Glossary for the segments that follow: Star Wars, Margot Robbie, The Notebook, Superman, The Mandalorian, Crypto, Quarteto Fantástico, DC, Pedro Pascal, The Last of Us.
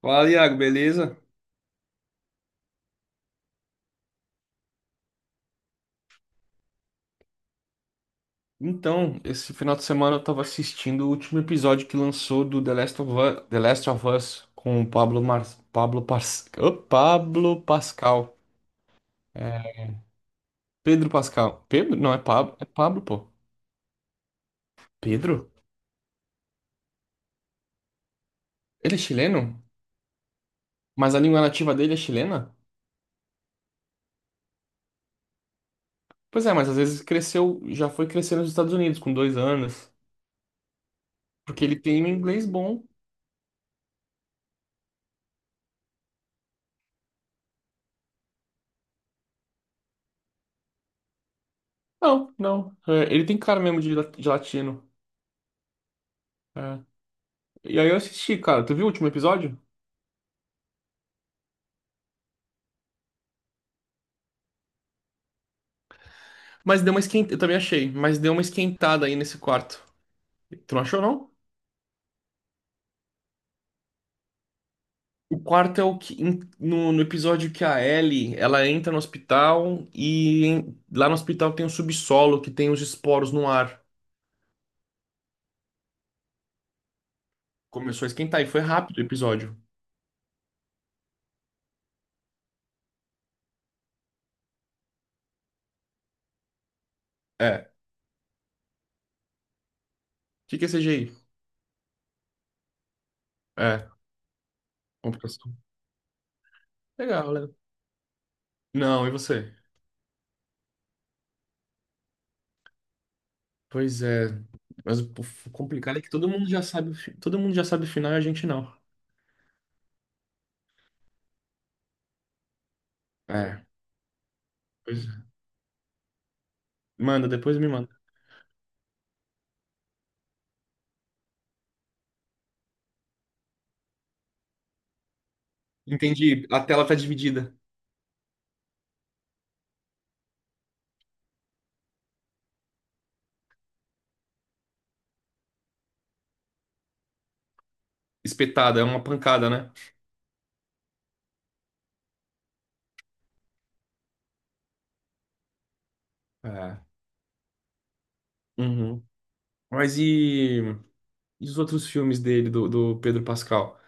Fala, Iago, beleza? Então, esse final de semana eu tava assistindo o último episódio que lançou do The Last of Us, The Last of Us com o Pablo Mar... Pablo Pas... Ô, Pablo Pascal. É, Pedro Pascal. Pedro? Não, é Pablo, pô. Pedro? Ele é chileno? Mas a língua nativa dele é chilena? Pois é, mas às vezes cresceu, já foi crescer nos Estados Unidos com 2 anos, porque ele tem um inglês bom. Não, não. É, ele tem cara mesmo de, de latino. É. E aí eu assisti, cara. Tu viu o último episódio? Mas deu uma esquentada, eu também achei, mas deu uma esquentada aí nesse quarto. Tu não achou, não? O quarto é o que no episódio que a Ellie, ela entra no hospital e em- lá no hospital tem um subsolo que tem os esporos no ar. Começou a esquentar e foi rápido o episódio. É. O que que é CGI? É, computação. Legal, né? Não, e você? Pois é, mas o complicado é que todo mundo já sabe, o fi- todo mundo já sabe o final e a gente não. É, pois é. Manda, depois me manda. Entendi, a tela tá dividida. Espetada, é uma pancada, né? É. Uhum. Mas e os outros filmes dele, do Pedro Pascal?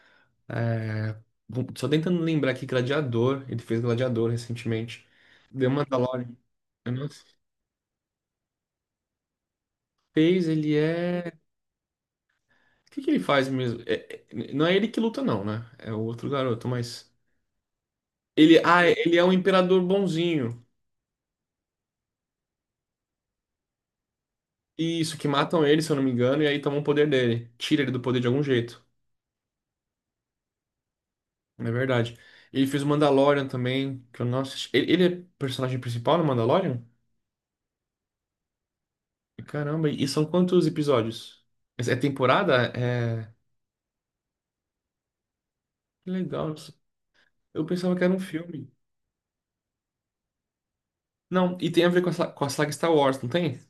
É, bom, só tentando lembrar aqui, Gladiador, ele fez Gladiador recentemente. The Mandalorian. Eu não fez, ele é. O que que ele faz mesmo? Não é ele que luta, não, né? É o outro garoto, mas. Ele, ah, ele é um imperador bonzinho. Isso, que matam ele, se eu não me engano, e aí tomam o poder dele. Tira ele do poder de algum jeito. É verdade. Ele fez o Mandalorian também, que eu não assisti. Ele é personagem principal no Mandalorian? Caramba, e são quantos episódios? É é temporada? É. Que legal. Eu pensava que era um filme. Não, e tem a ver com a, com a saga Star Wars, não tem?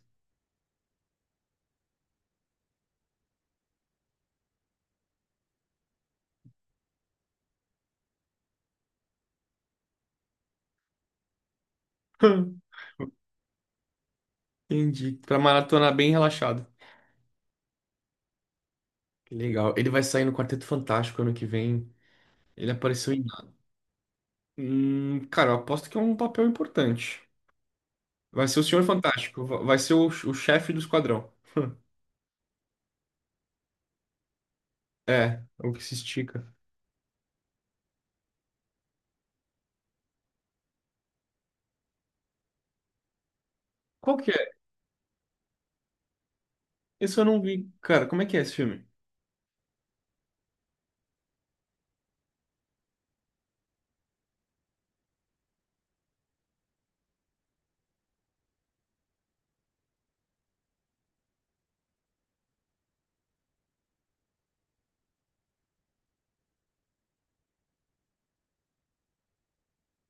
Entendi. Pra maratonar bem relaxado. Que legal. Ele vai sair no Quarteto Fantástico ano que vem. Ele apareceu em. Cara, eu aposto que é um papel importante. Vai ser o Senhor Fantástico. Vai ser o chefe do esquadrão. É, é o que se estica. Qual que isso eu não vi. Cara, como é que é esse filme?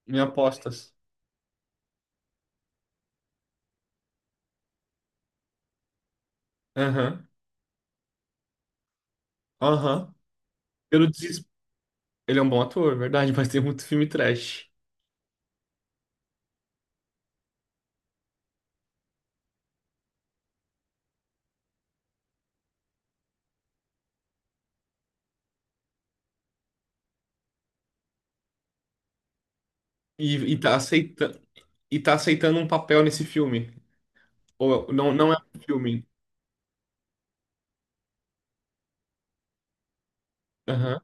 Me apostas. Aham. Aham. Pelo desespero. Ele é um bom ator, é verdade, mas tem muito filme trash. E tá aceitando e tá aceitando um papel nesse filme. Ou não, não é um filme. Aham.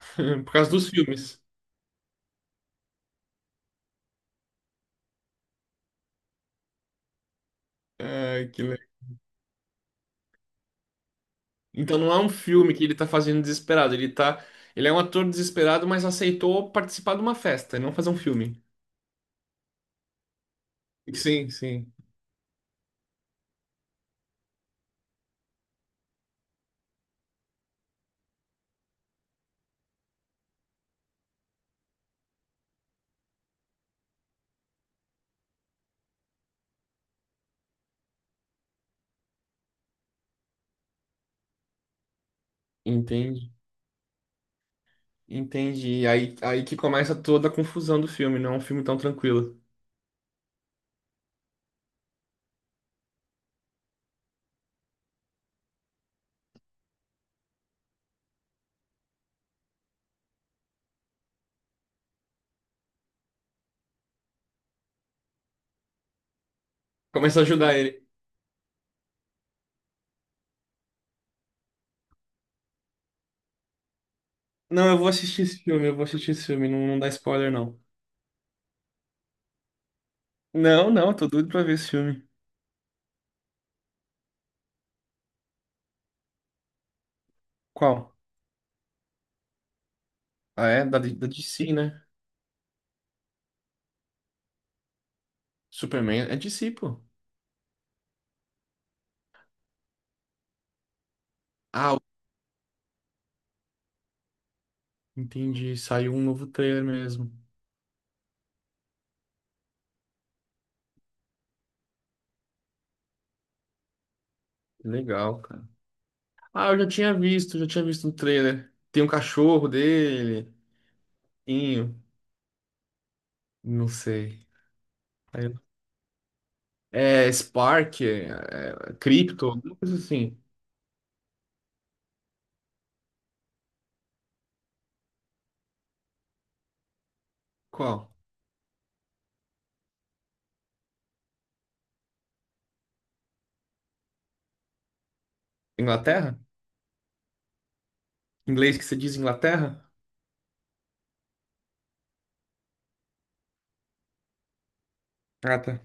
Por causa dos filmes. Ai, que legal. Então não é um filme que ele tá fazendo desesperado. Ele tá. Ele é um ator desesperado, mas aceitou participar de uma festa, e não fazer um filme. Sim, sim. Entendi. Entendi. Aí que começa toda a confusão do filme, não é um filme tão tranquilo. Começa a ajudar ele. Não, eu vou assistir esse filme, eu vou assistir esse filme, não, não dá spoiler, não. Não, não, tô doido pra ver esse filme. Qual? Ah, é? Da, da DC, né? Superman é DC, pô. Ah, entendi. Saiu um novo trailer mesmo. Legal, cara. Ah, eu já tinha visto um trailer. Tem um cachorro dele. Inho. Não sei. Aí- é Spark, é, é, Crypto, alguma coisa assim. Qual? Inglaterra? Inglês que você diz Inglaterra? Ah, tá.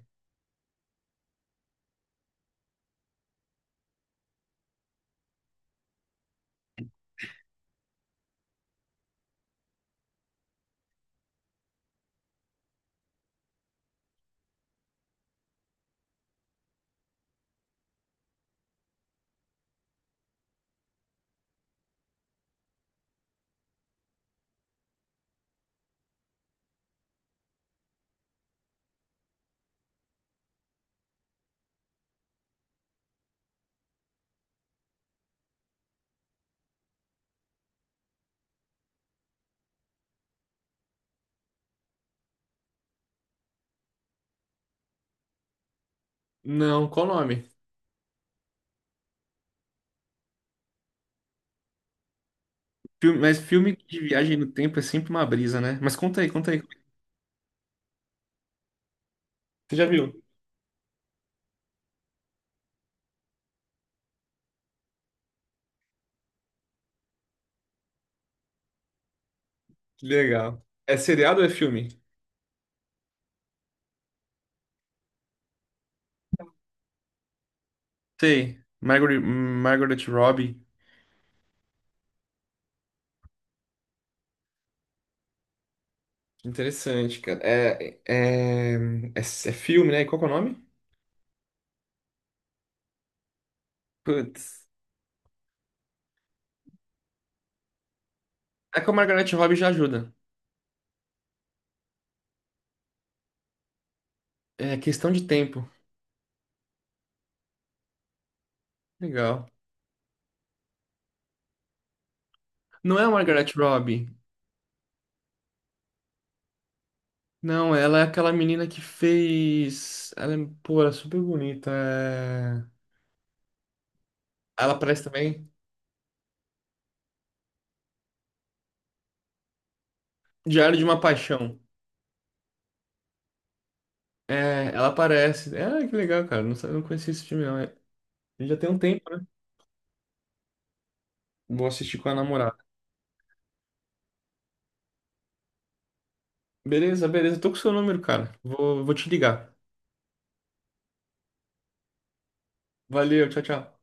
Não, qual o nome? Filme- mas filme de viagem no tempo é sempre uma brisa, né? Mas conta aí, conta aí. Você já viu? Que legal. É seriado ou é filme? Sei. Margaret, Margaret Robbie. Interessante, cara. É filme, né? E qual que é o nome? Putz. É que o Margaret Robbie já ajuda. É questão de tempo. Legal. Não é a Margaret Robbie. Não, ela é aquela menina que fez. Ela é, pô, ela é super bonita. É. Ela aparece também. Diário de uma Paixão. É, ela aparece. Ah, que legal, cara. Não, não conhecia esse filme, não. É, já tem um tempo, né? Vou assistir com a namorada. Beleza, beleza. Tô com o seu número, cara. Vou te ligar. Valeu, tchau, tchau.